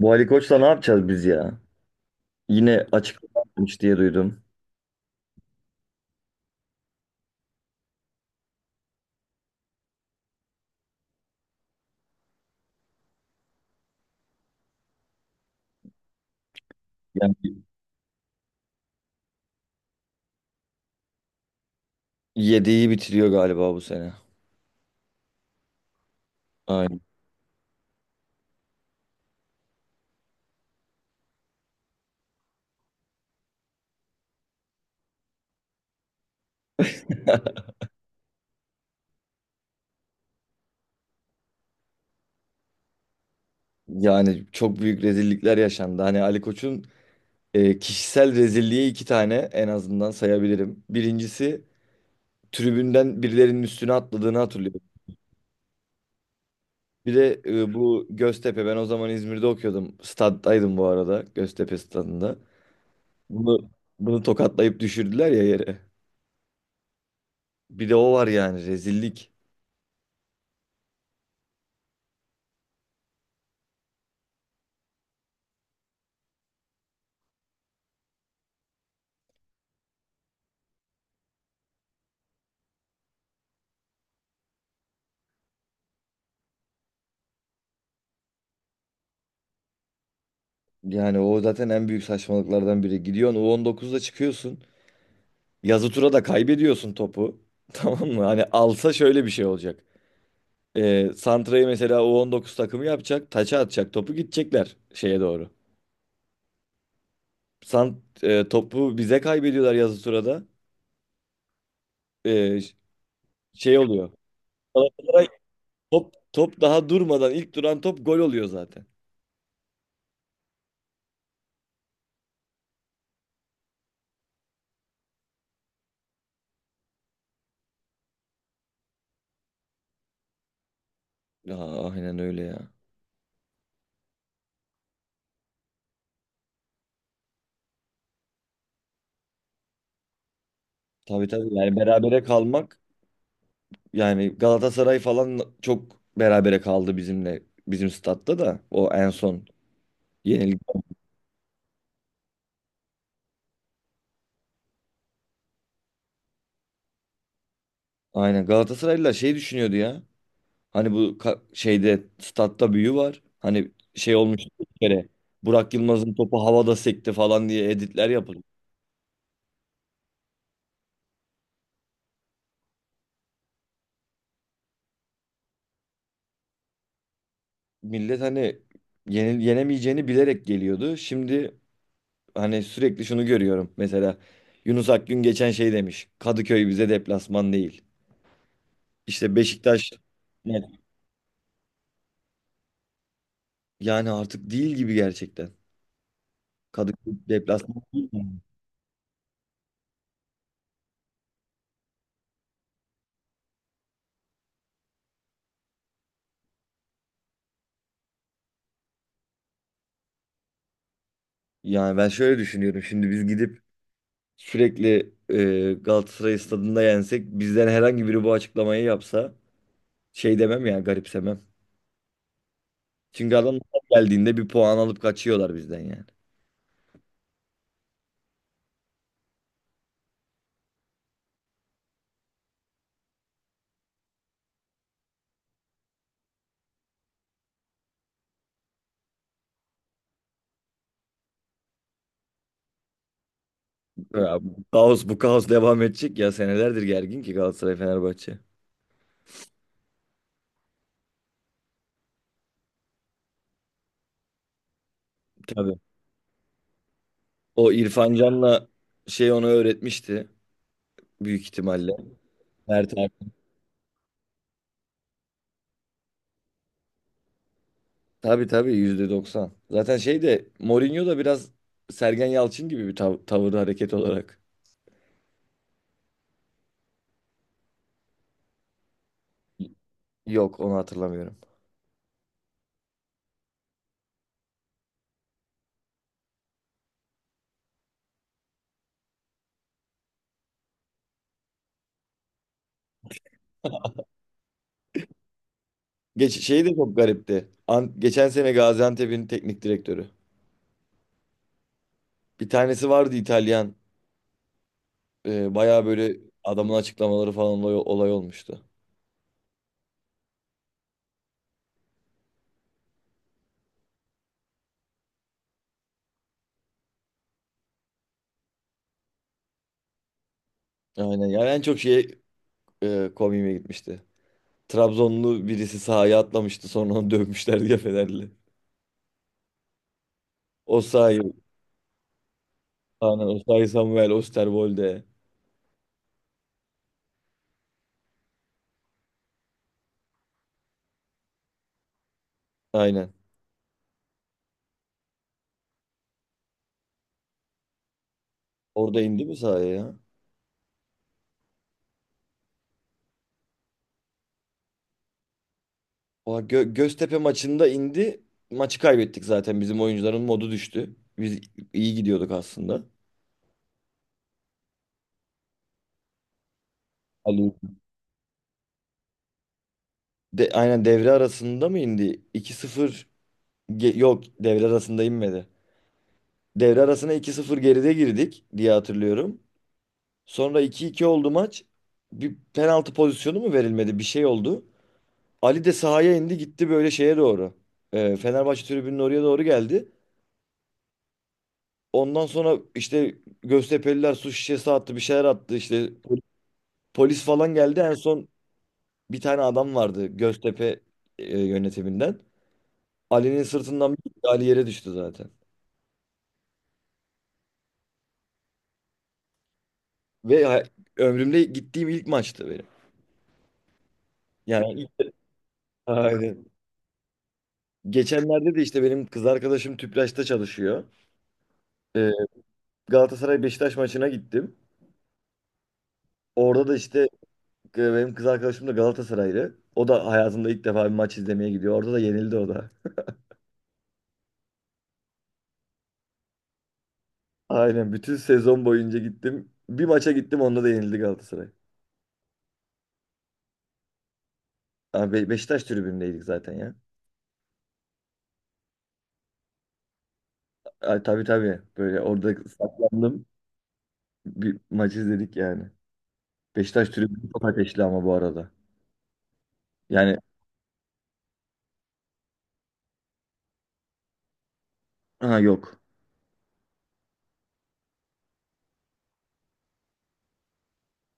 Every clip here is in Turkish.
Bu Ali Koç'la ne yapacağız biz ya? Yine açıklama yapmış diye duydum. Yani yediği bitiriyor galiba bu sene. Aynen. Yani çok büyük rezillikler yaşandı. Hani Ali Koç'un kişisel rezilliği iki tane en azından sayabilirim. Birincisi tribünden birilerinin üstüne atladığını hatırlıyorum. Bir de bu Göztepe, ben o zaman İzmir'de okuyordum. Staddaydım bu arada, Göztepe stadında. Bunu, bunu tokatlayıp düşürdüler ya yere. Bir de o var, yani rezillik. Yani o zaten en büyük saçmalıklardan biri. Gidiyorsun U19'da çıkıyorsun. Yazı tura da kaybediyorsun topu. Tamam mı? Hani alsa şöyle bir şey olacak. Santra'yı mesela U19 takımı yapacak. Taça atacak. Topu gidecekler şeye doğru. Topu bize kaybediyorlar yazı turada. Ee, ş- Şey oluyor. Galatasaray top daha durmadan ilk duran top gol oluyor zaten. Ya, aynen öyle ya. Tabii tabii, yani berabere kalmak. Yani Galatasaray falan çok berabere kaldı bizimle. Bizim statta da o en son yenilik. Aynen, Galatasaraylılar şey düşünüyordu ya. Hani şeyde statta büyü var. Hani şey olmuştu bir kere. Burak Yılmaz'ın topu havada sekti falan diye editler yapıldı. Millet hani yenemeyeceğini bilerek geliyordu. Şimdi hani sürekli şunu görüyorum. Mesela Yunus Akgün geçen şey demiş: Kadıköy bize deplasman değil. İşte Beşiktaş. Yani artık değil gibi gerçekten. Kadıköy deplasman değil mi? Yani ben şöyle düşünüyorum. Şimdi biz gidip sürekli Galatasaray stadında yensek, bizden herhangi biri bu açıklamayı yapsa şey demem ya, garipsemem. Çünkü adamlar geldiğinde bir puan alıp kaçıyorlar bizden yani. Ya, bu kaos devam edecek ya, senelerdir gergin ki Galatasaray Fenerbahçe. Tabii. O İrfan Can'la şey onu öğretmişti büyük ihtimalle. Mert abi. Tabii tabii %90. Zaten şey de, Mourinho da biraz Sergen Yalçın gibi bir tavır hareket olarak. Yok, onu hatırlamıyorum. Geç şey de çok garipti. Geçen sene Gaziantep'in teknik direktörü. Bir tanesi vardı, İtalyan. Bayağı böyle adamın açıklamaları falan olay olmuştu. Aynen, yani en çok şeye komiğime gitmişti. Trabzonlu birisi sahaya atlamıştı, sonra onu dövmüşler diye, Fenerli. Osayi, aynen, Osayi Samuel Osterwolde. Aynen. Orada indi mi sahaya ya? Oha, Göztepe maçında indi. Maçı kaybettik zaten. Bizim oyuncuların modu düştü. Biz iyi gidiyorduk aslında. Ali. Aynen, devre arasında mı indi? Yok, devre arasında inmedi. Devre arasına 2-0 geride girdik diye hatırlıyorum. Sonra iki iki oldu maç. Bir penaltı pozisyonu mu verilmedi? Bir şey oldu. Ali de sahaya indi, gitti böyle şeye doğru. Fenerbahçe tribünün oraya doğru geldi. Ondan sonra işte Göztepe'liler su şişesi attı, bir şeyler attı işte, polis falan geldi. En son bir tane adam vardı Göztepe yönetiminden. Ali'nin sırtından bir gitti, Ali yere düştü zaten. Ve ha- Ömrümde gittiğim ilk maçtı benim. Yani aynen. Geçenlerde de işte benim kız arkadaşım Tüpraş'ta çalışıyor. Ee, Galatasaray Beşiktaş maçına gittim. Orada da işte benim kız arkadaşım da Galatasaraylı. O da hayatında ilk defa bir maç izlemeye gidiyor. Orada da yenildi o da. Aynen, bütün sezon boyunca gittim. Bir maça gittim, onda da yenildi Galatasaray. Abi, Beşiktaş tribündeydik zaten ya. Ay, tabii tabii. Böyle orada saklandım. Bir maç izledik yani. Beşiktaş tribünü çok ateşli ama bu arada. Yani ha, yok.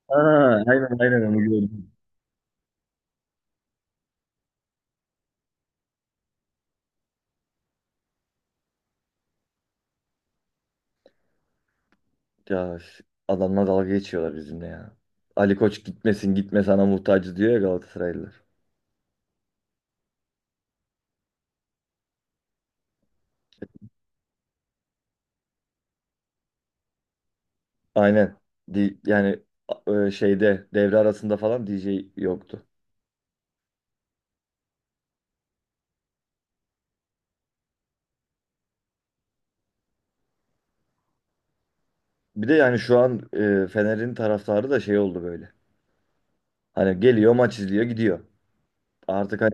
Ha, aynen aynen, onu gördüm. Ya, adamlar dalga geçiyorlar bizimle ya. Ali Koç gitmesin, gitme sana muhtacız diyor ya Galatasaraylılar. Aynen. Yani şeyde devre arasında falan DJ yoktu. Bir de yani şu an Fener'in taraftarı da şey oldu böyle. Hani geliyor, maç izliyor, gidiyor. Artık hani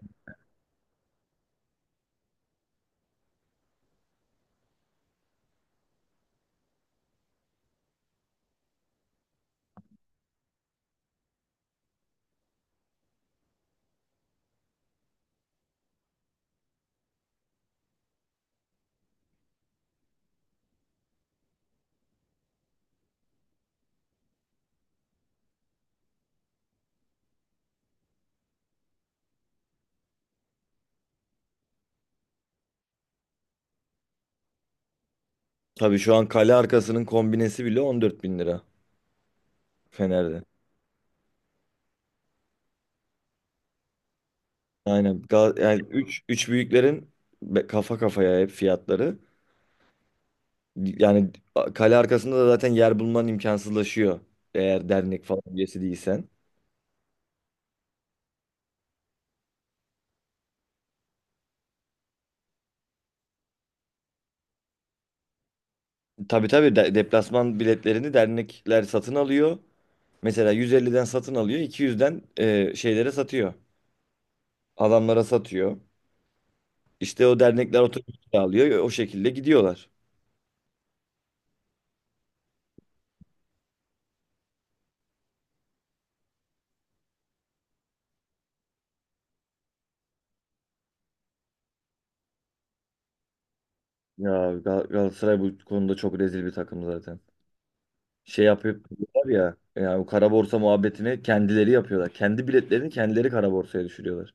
tabii şu an kale arkasının kombinesi bile 14 bin lira Fener'de. Aynen. Yani 3 3 büyüklerin kafa kafaya hep fiyatları. Yani kale arkasında da zaten yer bulman imkansızlaşıyor. Eğer dernek falan üyesi değilsen. Tabii tabii, deplasman biletlerini dernekler satın alıyor. Mesela 150'den satın alıyor, 200'den şeylere satıyor. Adamlara satıyor. İşte o dernekler otobüs alıyor, o şekilde gidiyorlar. Ya, Galatasaray bu konuda çok rezil bir takım zaten. Şey yapıp var ya, yani o kara borsa muhabbetini kendileri yapıyorlar. Kendi biletlerini kendileri kara borsaya düşürüyorlar.